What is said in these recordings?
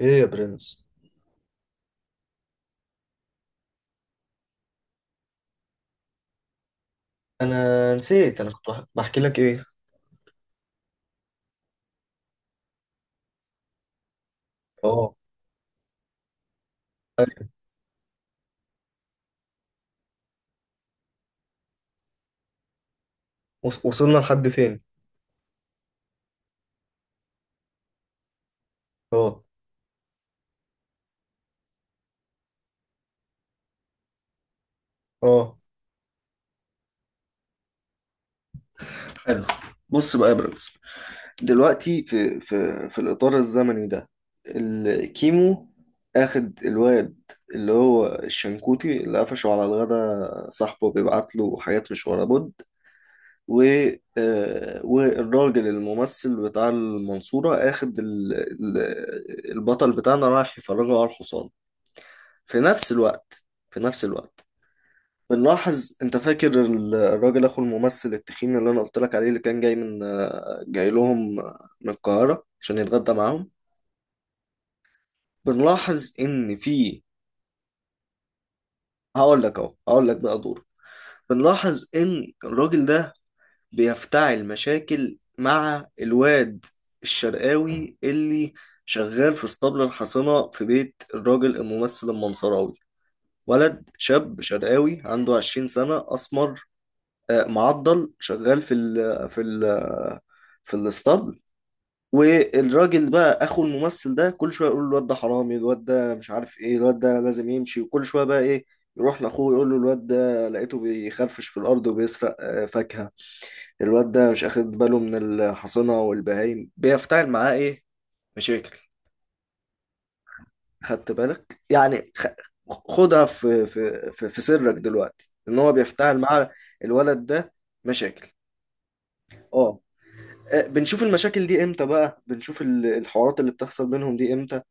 ايه يا برنس. انا نسيت، انا كنت بحكي لك ايه. اه. وصلنا لحد فين؟ اه، اه، حلو. بص بقى يا برنس، دلوقتي في الاطار الزمني ده الكيمو اخد الواد، اللي هو الشنكوتي اللي قفشه على الغدا، صاحبه بيبعت له حاجات مش ورا بد. و والراجل الممثل بتاع المنصورة اخد البطل بتاعنا رايح يفرجه على الحصان، في نفس الوقت، في نفس الوقت. بنلاحظ، انت فاكر الراجل اخو الممثل التخين اللي انا قلت لك عليه، اللي كان جاي من جاي لهم من القاهرة عشان يتغدى معاهم؟ بنلاحظ ان في، هقول لك اهو، هقول لك بقى دور. بنلاحظ ان الراجل ده بيفتعل مشاكل مع الواد الشرقاوي اللي شغال في اسطبل الحصانة في بيت الراجل الممثل المنصراوي. ولد شاب شرقاوي عنده 20 سنة، أسمر، معضل، شغال في الاسطبل. والراجل بقى اخو الممثل ده كل شويه يقول له الواد ده حرامي، الواد ده مش عارف ايه، الواد ده لازم يمشي. وكل شويه بقى ايه، يروح لاخوه يقول له: الواد ده لقيته بيخرفش في الارض وبيسرق فاكهه، الواد ده مش اخد باله من الحصنه والبهايم، بيفتعل معاه ايه؟ مشاكل. خدت بالك يعني، خدها في سرك دلوقتي ان هو بيفتعل مع الولد ده مشاكل. اه. بنشوف المشاكل دي امتى بقى، بنشوف الحوارات اللي بتحصل بينهم دي امتى.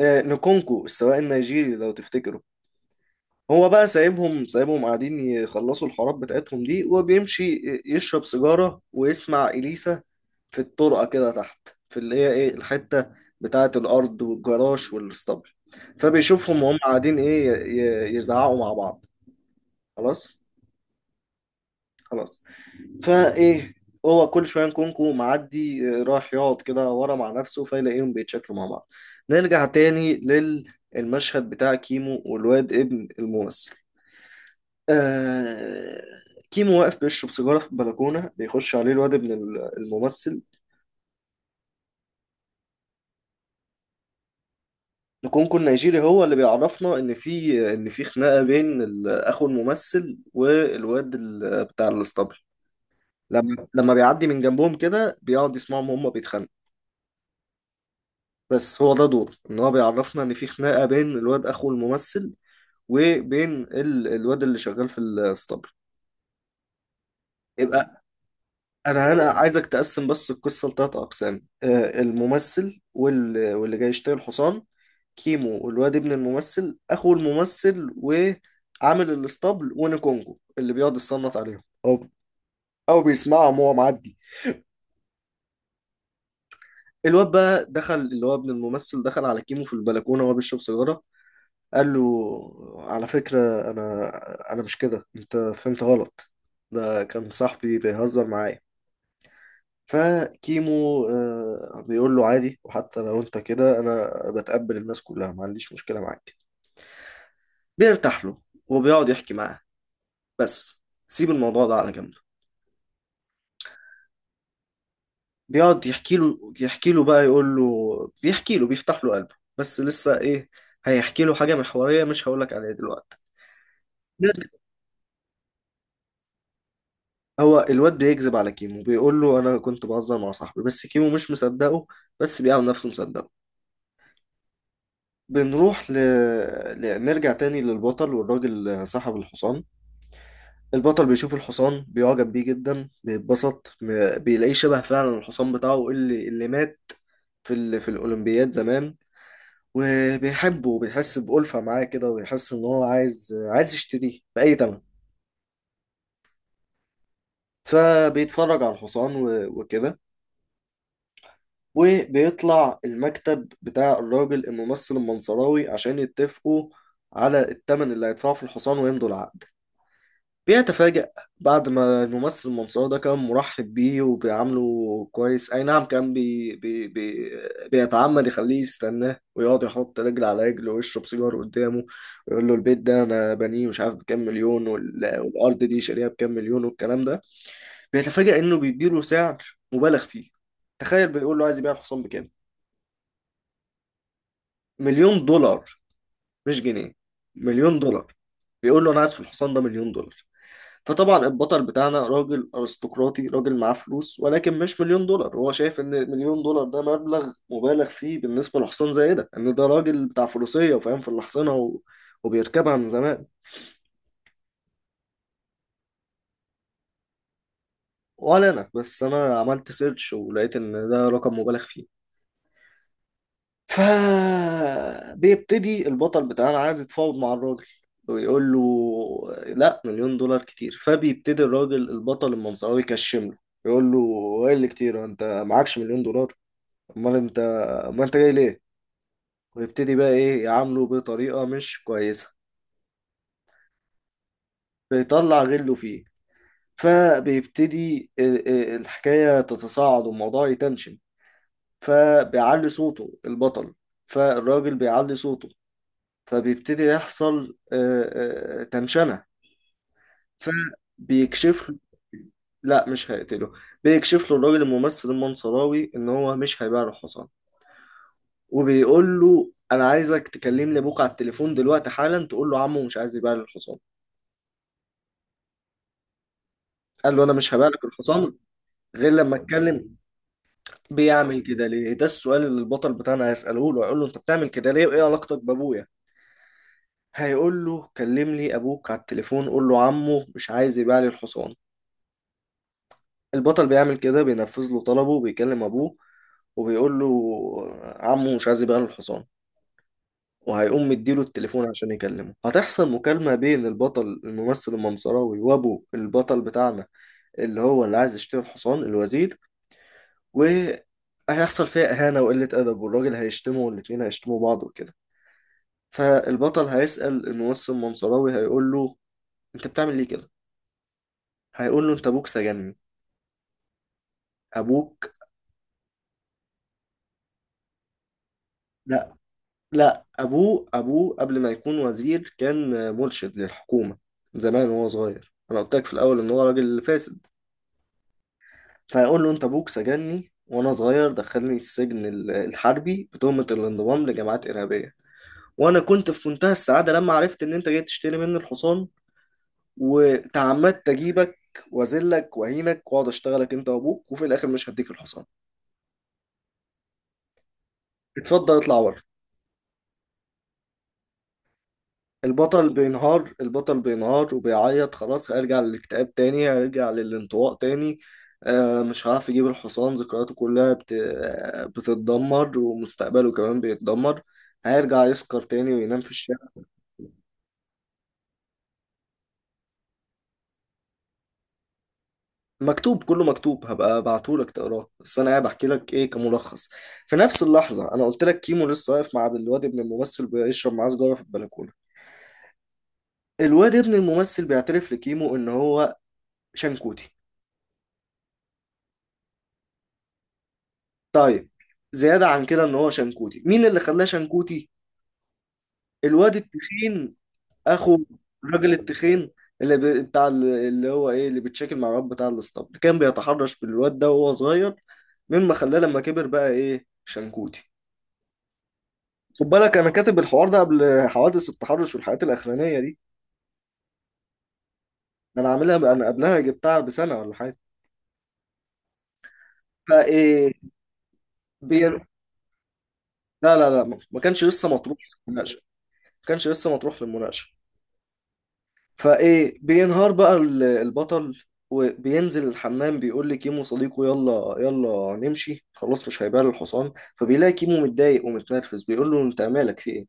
نكونكو السواق النيجيري لو تفتكروا، هو بقى سايبهم سايبهم قاعدين يخلصوا الحوارات بتاعتهم دي، وبيمشي يشرب سيجارة ويسمع إليسا في الطرقة كده تحت، في اللي هي ايه، الحتة بتاعة الأرض والجراج والاسطبل. فبيشوفهم وهم قاعدين ايه، يزعقوا مع بعض، خلاص، خلاص. فايه، هو كل شويه نكونكو معدي راح يقعد كده ورا مع نفسه، فيلاقيهم بيتشكلوا مع بعض. نرجع تاني للمشهد بتاع كيمو والواد ابن الممثل. آه كيمو واقف بيشرب سيجاره في البلكونه، بيخش عليه الواد ابن الممثل. نكونكو النيجيري هو اللي بيعرفنا ان في، ان في خناقه بين اخو الممثل والواد بتاع الاسطبل. لما بيعدي من جنبهم كده، بيقعد يسمعهم هما بيتخانقوا. بس هو ده دور، ان هو بيعرفنا ان في خناقه بين الواد اخو الممثل وبين الواد اللي شغال في الاسطبل. يبقى انا عايزك تقسم بس القصه لثلاث اقسام: الممثل وال... واللي جاي يشتري الحصان، كيمو والواد ابن الممثل، اخو الممثل وعامل الاسطبل، ونكونجو اللي بيقعد يصنت عليهم، او بيسمعهم وهو معدي. الواد بقى دخل، اللي هو ابن الممثل، دخل على كيمو في البلكونه وهو بيشرب سيجاره، قال له: على فكرة، أنا أنا مش كده، أنت فهمت غلط، ده كان صاحبي بيهزر معايا. فكيمو بيقول له: عادي، وحتى لو أنت كده أنا بتقبل الناس كلها، ما عنديش مشكلة معاك. بيرتاح له وبيقعد يحكي معاه، بس سيب الموضوع ده على جنب. بيقعد يحكي له، يحكي له بقى يقول له، بيحكي له، بيفتح له قلبه، بس لسه إيه؟ هيحكي له حاجة محورية مش هقولك عليها دلوقتي. هو الواد بيكذب على كيمو، بيقول له انا كنت بهزر مع صاحبي، بس كيمو مش مصدقه، بس بيعمل نفسه مصدقه. بنروح نرجع تاني للبطل والراجل صاحب الحصان. البطل بيشوف الحصان، بيعجب بيه جدا، بيتبسط، بيلاقيه شبه فعلا الحصان بتاعه اللي مات في في الأولمبياد زمان، وبيحبه وبيحس بألفة معاه كده، وبيحس إن هو عايز يشتريه بأي تمن. فبيتفرج على الحصان وكده، وبيطلع المكتب بتاع الراجل الممثل المنصراوي عشان يتفقوا على الثمن اللي هيدفعه في الحصان ويمضوا العقد. بيتفاجأ، بعد ما الممثل المنصراوي ده كان مرحب بيه وبيعامله كويس، أي نعم، كان بي بي بي بيتعمد يخليه يستناه، ويقعد يحط رجل على رجل، ويشرب سيجار قدامه، ويقول له: البيت ده أنا بنيه مش عارف بكام مليون، والأرض دي شاريها بكام مليون، والكلام ده. بيتفاجأ إنه بيديله سعر مبالغ فيه. تخيل، بيقول له عايز يبيع الحصان بكام؟ مليون دولار، مش جنيه، مليون دولار. بيقول له انا عايز في الحصان ده مليون دولار. فطبعا البطل بتاعنا راجل ارستقراطي، راجل معاه فلوس ولكن مش مليون دولار. هو شايف ان مليون دولار ده مبلغ مبالغ فيه بالنسبه لحصان زي ده، ان ده راجل بتاع فروسيه وفاهم في الحصانه وبيركبها من زمان. ولا انا بس، انا عملت سيرش ولقيت ان ده رقم مبالغ فيه. فبيبتدي البطل بتاعنا عايز يتفاوض مع الراجل، ويقول له: لا، مليون دولار كتير. فبيبتدي الراجل البطل المنصاوي يكشم له، يقول له: ايه اللي كتير؟ انت معكش مليون دولار؟ امال انت، ما انت جاي ليه؟ ويبتدي بقى ايه، يعامله بطريقة مش كويسة، فيطلع غله فيه. فبيبتدي الحكاية تتصاعد والموضوع يتنشن، فبيعلي صوته البطل، فالراجل بيعلي صوته، فبيبتدي يحصل تنشنة. فبيكشف له. لا، مش هيقتله. بيكشف له الراجل الممثل المنصراوي ان هو مش هيبيع له حصان. وبيقول له: انا عايزك تكلمني ابوك على التليفون دلوقتي حالا، تقول له عمو مش عايز يبيع لي الحصان. قال له: انا مش هبيع لك الحصان غير لما اتكلم. بيعمل كده ليه؟ ده السؤال اللي البطل بتاعنا هيسأله له. هيقول له: انت بتعمل كده ليه؟ وايه علاقتك بابويا؟ هيقول له: كلم لي ابوك على التليفون، قول له عمو مش عايز يبيع لي الحصان. البطل بيعمل كده، بينفذ له طلبه وبيكلم أبوه، وبيقول له عمه مش عايز يبيع له الحصان. وهيقوم مديله التليفون عشان يكلمه، هتحصل مكالمة بين البطل الممثل المنصراوي وأبو البطل بتاعنا، اللي هو اللي عايز يشتري الحصان، الوزير. وهيحصل فيها إهانة وقلة أدب، والراجل هيشتمه والاتنين هيشتموا بعض وكده. فالبطل هيسأل الممثل المنصراوي، هيقول له: أنت بتعمل ليه كده؟ هيقول له: أنت أبوك سجنني، أبوك. لا، لا، ابوه، ابوه قبل ما يكون وزير كان مرشد للحكومه زمان وهو صغير، انا قلت لك في الاول ان هو راجل فاسد. فيقول له: انت ابوك سجني وانا صغير، دخلني السجن الحربي بتهمه الانضمام لجماعات ارهابيه، وانا كنت في منتهى السعاده لما عرفت ان انت جاي تشتري مني الحصان، وتعمدت اجيبك واذلك واهينك واقعد اشتغلك انت وابوك، وفي الاخر مش هديك الحصان، اتفضل اطلع بره. البطل بينهار، البطل بينهار وبيعيط، خلاص، هيرجع للاكتئاب تاني، هيرجع للانطواء تاني. مش هعرف يجيب الحصان، ذكرياته كلها بت... آه، بتتدمر، ومستقبله كمان بيتدمر، هيرجع يسكر تاني وينام في الشارع. مكتوب، كله مكتوب، هبقى ابعتهولك تقراه، بس انا قاعد احكي لك ايه كملخص. في نفس اللحظه انا قلت لك كيمو لسه واقف مع الواد ابن الممثل بيشرب معاه سجاره في البلكونه. الواد ابن الممثل بيعترف لكيمو ان هو شنكوتي. طيب. زيادة عن كده، ان هو شنكوتي، مين اللي خلاه شنكوتي؟ الواد التخين اخو الراجل التخين، اللي ب... بتاع اللي هو ايه، اللي بيتشكل مع الواد بتاع الاسطبل، كان بيتحرش بالواد ده وهو صغير، مما خلاه لما كبر بقى ايه، شنكوتي. خد بالك انا كاتب الحوار ده قبل حوادث التحرش والحاجات الاخرانية دي، ده انا عاملها بقى، انا قبلها جبتها بسنة ولا حاجة. فايه، لا، لا، لا، ما كانش لسه مطروح في المناقشة، ما كانش لسه مطروح في المناقشة. فايه، بينهار بقى البطل وبينزل الحمام، بيقول لكيمو صديقه: يلا يلا، نمشي خلاص، مش هيبيع الحصان. فبيلاقي كيمو متضايق ومتنرفز، بيقول له: انت مالك في ايه؟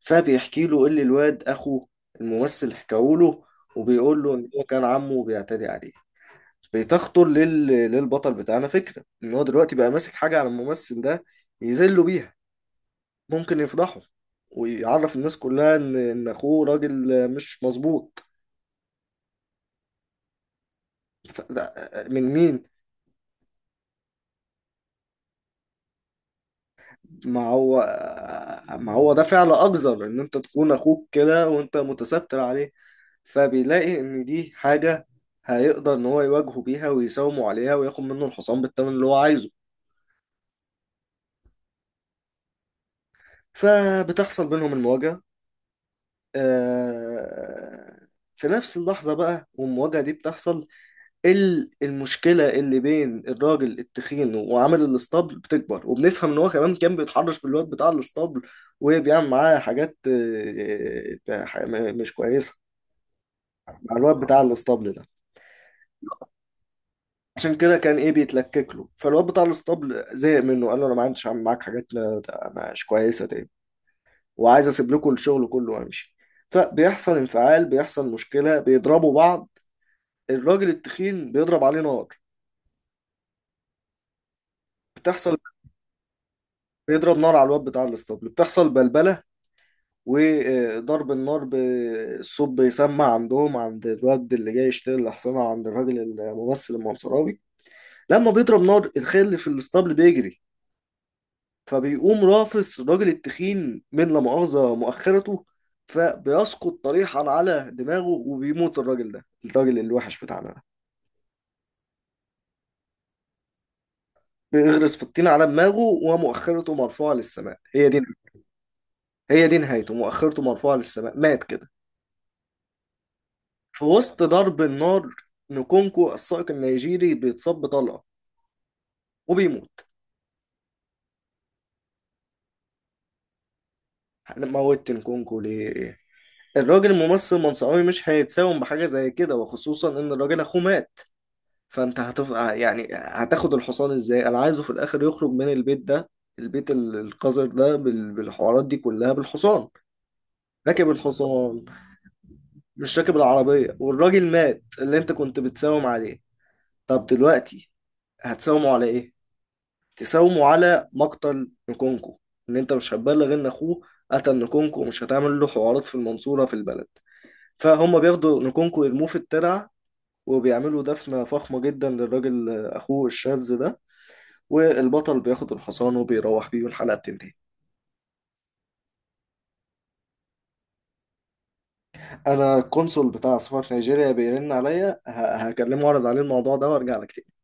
فبيحكي له اللي الواد اخو الممثل حكاه له، وبيقول له ان هو كان عمه بيعتدي عليه. بتخطر للبطل بتاعنا فكرة ان هو دلوقتي بقى ماسك حاجة على الممثل ده يذله بيها، ممكن يفضحه ويعرف الناس كلها ان اخوه راجل مش مظبوط. ف- ده- من مين؟ ما هو ما هو ده فعل أقذر، إن أنت تخون أخوك كده وأنت متستر عليه. فبيلاقي إن دي حاجة هيقدر إن هو يواجهه بيها ويساومه عليها، وياخد منه الحصان بالثمن اللي هو عايزه. فبتحصل بينهم المواجهة. آه، في نفس اللحظة بقى والمواجهة دي بتحصل، المشكلة اللي بين الراجل التخين وعامل الاسطبل بتكبر، وبنفهم ان هو كمان كان بيتحرش بالواد بتاع الاسطبل، وبيعمل معاه حاجات مش كويسة مع الواد بتاع الاسطبل ده. عشان كده كان ايه، بيتلكك له، فالواد بتاع الاسطبل زهق منه، قال له: انا ما عنديش اعمل معاك حاجات مش كويسة تاني، وعايز اسيب لكم الشغل كله وامشي. فبيحصل انفعال، بيحصل مشكلة، بيضربوا بعض، الراجل التخين بيضرب عليه نار، بتحصل، بيضرب نار على الواد بتاع الاسطبل، بتحصل بلبلة. وضرب النار بالصوت بيسمع عندهم، عند الواد اللي جاي يشتري الأحصنة، عند الراجل الممثل المنصراوي. لما بيضرب نار، الخيل اللي في الاسطبل بيجري، فبيقوم رافس الراجل التخين من لا مؤاخذة مؤخرته، فبيسقط طريحا على دماغه، وبيموت الراجل ده، الراجل الوحش بتاعنا ده. بيغرس في الطين على دماغه، ومؤخرته مرفوعة للسماء. هي دي، هي دي نهايته، مؤخرته مرفوعة للسماء، مات كده. في وسط ضرب النار، نكونكو السائق النيجيري بيتصاب بطلقة وبيموت. انا موتت نكونكو ليه؟ الراجل الممثل المنصوري مش هيتساوم بحاجة زي كده، وخصوصا ان الراجل اخوه مات، فانت يعني هتاخد الحصان ازاي؟ انا عايزه في الاخر يخرج من البيت ده، البيت القذر ده، بالحوارات دي كلها، بالحصان. راكب الحصان، مش راكب العربية، والراجل مات اللي انت كنت بتساوم عليه. طب دلوقتي هتساومه على ايه؟ تساوموا على مقتل نكونكو، ان انت مش هتبلغ ان اخوه قتل نكونكو، ومش هتعمل له حوارات في المنصورة في البلد. فهم بياخدوا نكونكو يرموه في الترعة، وبيعملوا دفنة فخمة جدا للراجل أخوه الشاذ ده، والبطل بياخد الحصان وبيروح بيه، والحلقة بتنتهي. أنا القنصل بتاع سفارة نيجيريا بيرن عليا، هكلمه وأعرض عليه الموضوع ده وأرجع لك تاني.